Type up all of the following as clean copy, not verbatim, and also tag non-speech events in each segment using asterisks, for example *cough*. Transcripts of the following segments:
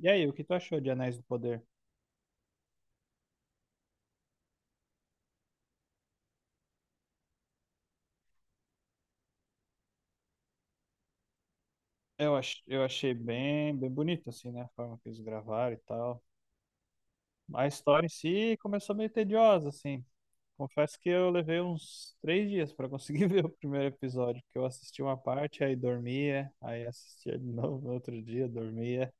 E aí, o que tu achou de Anéis do Poder? Eu achei bem bonito, assim, né? A forma que eles gravaram e tal. A história em si começou meio tediosa, assim. Confesso que eu levei uns três dias pra conseguir *laughs* ver o primeiro episódio, porque eu assisti uma parte, aí dormia, aí assistia de *laughs* novo no outro dia, dormia.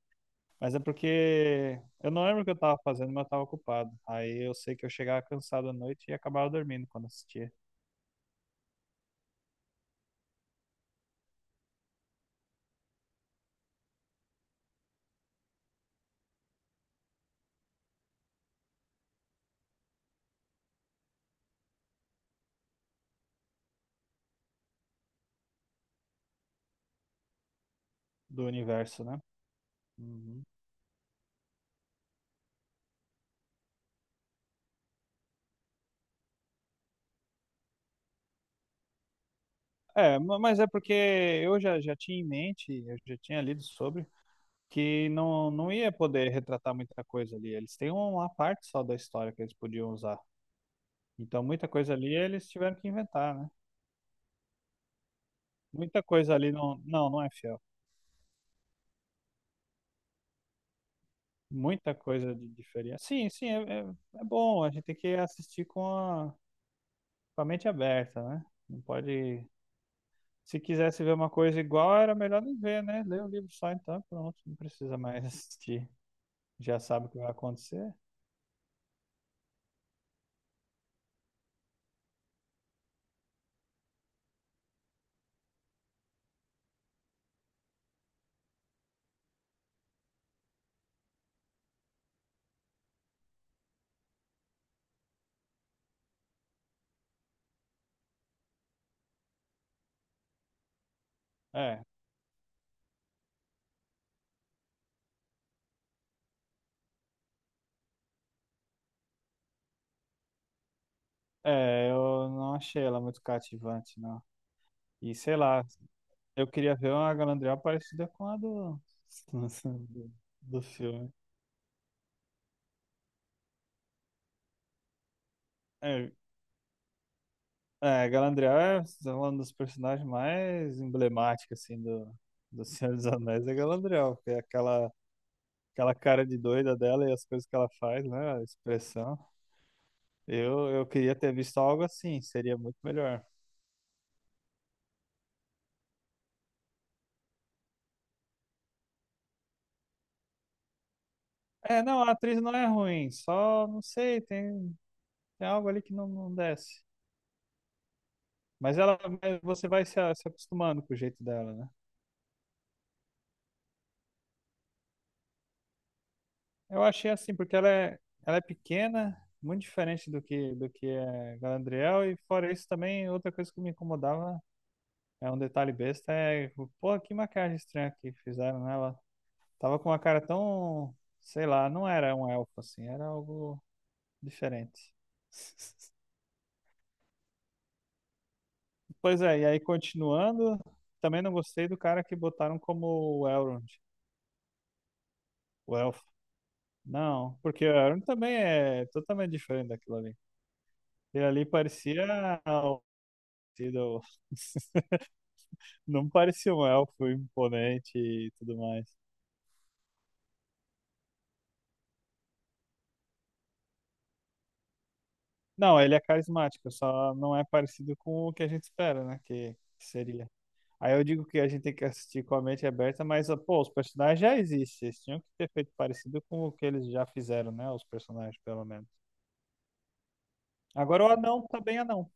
Mas é porque eu não lembro o que eu tava fazendo, mas eu tava ocupado. Aí eu sei que eu chegava cansado à noite e acabava dormindo quando assistia do universo, né? Uhum. Mas é porque já tinha em mente, eu já tinha lido sobre, que não ia poder retratar muita coisa ali. Eles têm uma parte só da história que eles podiam usar. Então, muita coisa ali eles tiveram que inventar, né? Muita coisa ali não é fiel. Muita coisa de diferença. Sim, é bom. A gente tem que assistir com a mente aberta, né? Não pode. Se quisesse ver uma coisa igual, era melhor nem ver, né? Lê o livro só então, e pronto, não precisa mais *laughs* assistir. Já sabe o que vai acontecer. É, é, eu não achei ela muito cativante, não. E sei lá, eu queria ver uma Galadriel parecida com *laughs* do, do filme. É, Galadriel é um dos personagens mais emblemáticos, assim, do Senhor dos Anéis, é Galadriel, porque é aquela cara de doida dela e as coisas que ela faz, né, a expressão. Eu queria ter visto algo assim, seria muito melhor. É, não, a atriz não é ruim, só, não sei, tem algo ali que não desce. Mas ela, mas você vai se, se acostumando com o jeito dela, né? Eu achei assim, porque ela é pequena, muito diferente do que é Galadriel, e fora isso também, outra coisa que me incomodava, é um detalhe besta, é, pô, que maquiagem estranha que fizeram nela. Tava com uma cara tão, sei lá, não era um elfo assim, era algo diferente. Pois é, e aí continuando, também não gostei do cara que botaram como o Elrond, o elfo. Não, porque o Arun também é totalmente diferente daquilo ali. Ele ali parecia um- sido- *laughs* não parecia um elfo imponente e tudo mais. Não, ele é carismático, só não é parecido com o que a gente espera, né? Que seria. Aí eu digo que a gente tem que assistir com a mente aberta, mas, pô, os personagens já existem. Eles tinham que ter feito parecido com o que eles já fizeram, né? Os personagens, pelo menos. Agora o anão tá bem anão.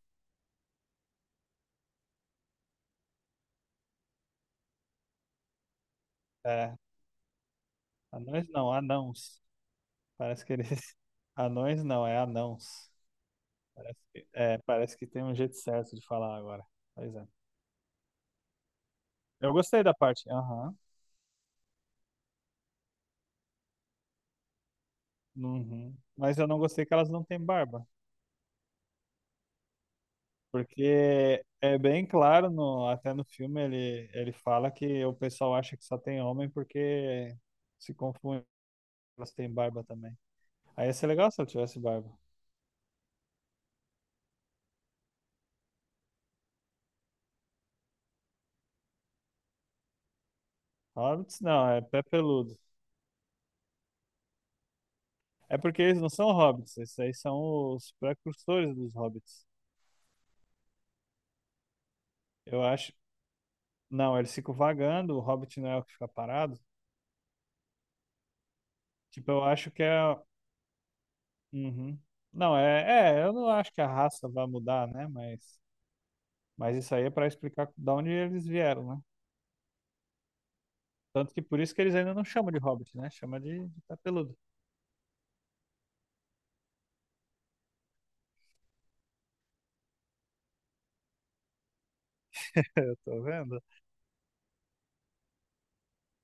É, anões não, anãos. Parece que eles. *laughs* Anões não, é anãos. É, parece que tem um jeito certo de falar agora. Pois é. Eu gostei da parte. Aham. Uhum. Mas eu não gostei que elas não têm barba. Porque é bem claro, no, até no filme ele fala que o pessoal acha que só tem homem porque se confunde, elas têm barba também. Aí ia ser legal se eu tivesse barba. Hobbits não, é pé peludo. É porque eles não são hobbits, esses aí são os precursores dos hobbits. Eu acho. Não, eles ficam vagando, o hobbit não é o que fica parado. Tipo, eu acho que é. Uhum. Não, eu não acho que a raça vai mudar, né? Mas isso aí é para explicar de onde eles vieram, né? Tanto que por isso que eles ainda não chamam de hobbit, né? Chama de capeludo. *laughs* Eu tô vendo.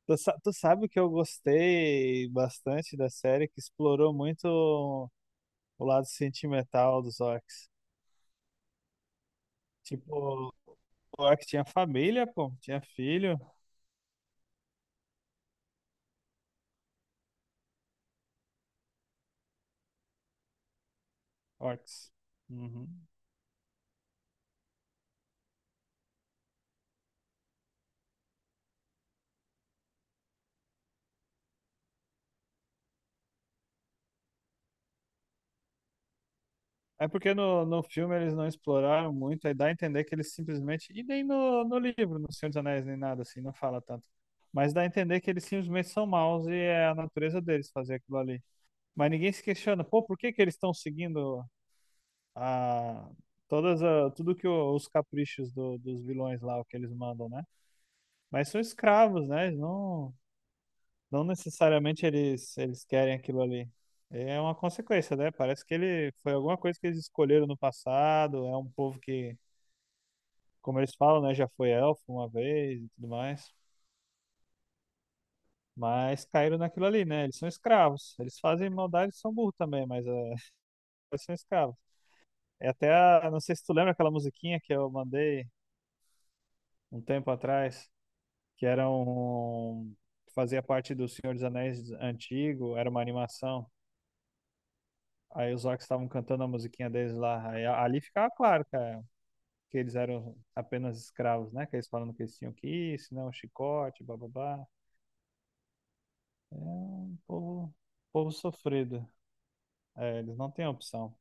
Tu sabe que eu gostei bastante da série que explorou muito o lado sentimental dos orcs. Tipo, o orc tinha família, pô, tinha filho, orcs. Uhum. É porque no filme eles não exploraram muito, aí dá a entender que eles simplesmente. E nem no livro, no Senhor dos Anéis, nem nada assim, não fala tanto. Mas dá a entender que eles simplesmente são maus e é a natureza deles fazer aquilo ali. Mas ninguém se questiona, pô, por que que eles estão seguindo a, tudo que os caprichos dos vilões lá, o que eles mandam, né? Mas são escravos, né? Eles não, não necessariamente eles querem aquilo ali. É uma consequência, né? Parece que ele foi alguma coisa que eles escolheram no passado. É um povo que, como eles falam, né? Já foi elfo uma vez e tudo mais. Mas caíram naquilo ali, né? Eles são escravos. Eles fazem maldade e são burros também, mas é, eles são escravos. É até a, não sei se tu lembra aquela musiquinha que eu mandei um tempo atrás, que era fazia parte do Senhor dos Anéis antigo, era uma animação. Aí os orcs estavam cantando a musiquinha deles lá. Aí, ali ficava claro, cara, que eles eram apenas escravos, né? Que eles falando que eles tinham que ir, senão o chicote, bababá. É um povo sofrido. É, eles não têm opção.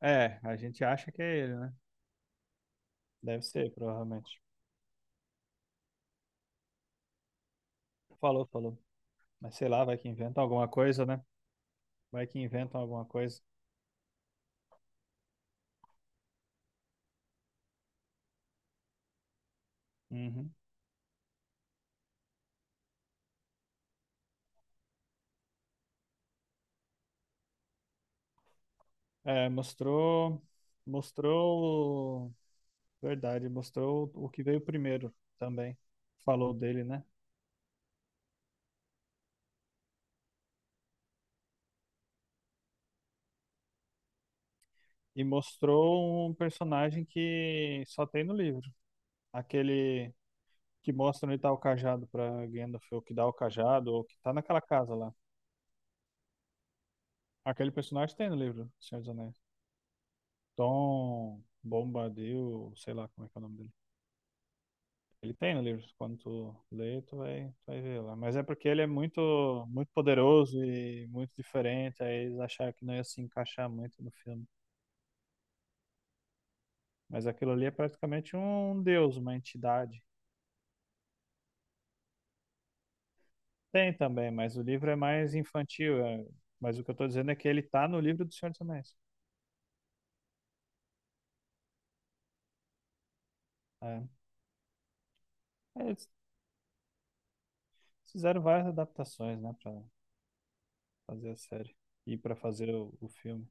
É, a gente acha que é ele, né? Deve ser, provavelmente. Falou, falou. Mas sei lá, vai que inventam alguma coisa, né? Vai que inventam alguma coisa. Uhum. É, mostrou. Mostrou. Verdade, mostrou o que veio primeiro também. Falou dele, né? E mostrou um personagem que só tem no livro. Aquele que mostra onde tá o cajado pra Gandalf, ou que dá o cajado, ou que tá naquela casa lá. Aquele personagem tem no livro, Senhor dos Anéis. Tom Bombadil, sei lá como é que é o nome dele. Ele tem no livro, quando tu lê, tu vai ver lá. Mas é porque ele é muito, muito poderoso e muito diferente, aí eles acharam que não ia se encaixar muito no filme. Mas aquilo ali é praticamente um deus, uma entidade. Tem também, mas o livro é mais infantil. É. Mas o que eu estou dizendo é que ele tá no livro do Senhor dos Anéis. É. Eles fizeram várias adaptações, né, para fazer a série e para fazer o filme.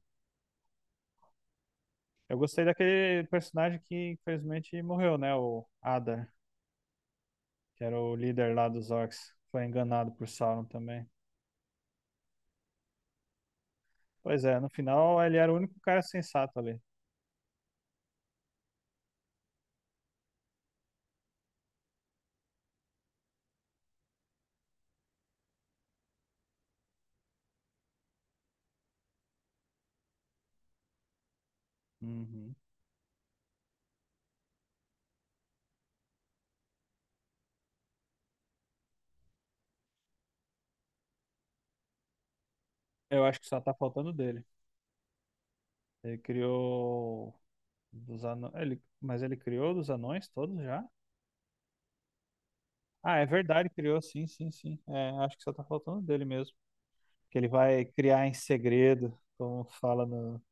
Eu gostei daquele personagem que infelizmente morreu, né, o Adar, que era o líder lá dos orcs. Foi enganado por Sauron também. Pois é, no final ele era o único cara sensato ali. Uhum. Eu acho que só tá faltando dele. Ele criou dos anões, ele... mas ele criou dos anões todos já? Ah, é verdade, criou, sim. É, acho que só tá faltando dele mesmo. Que ele vai criar em segredo, como fala no.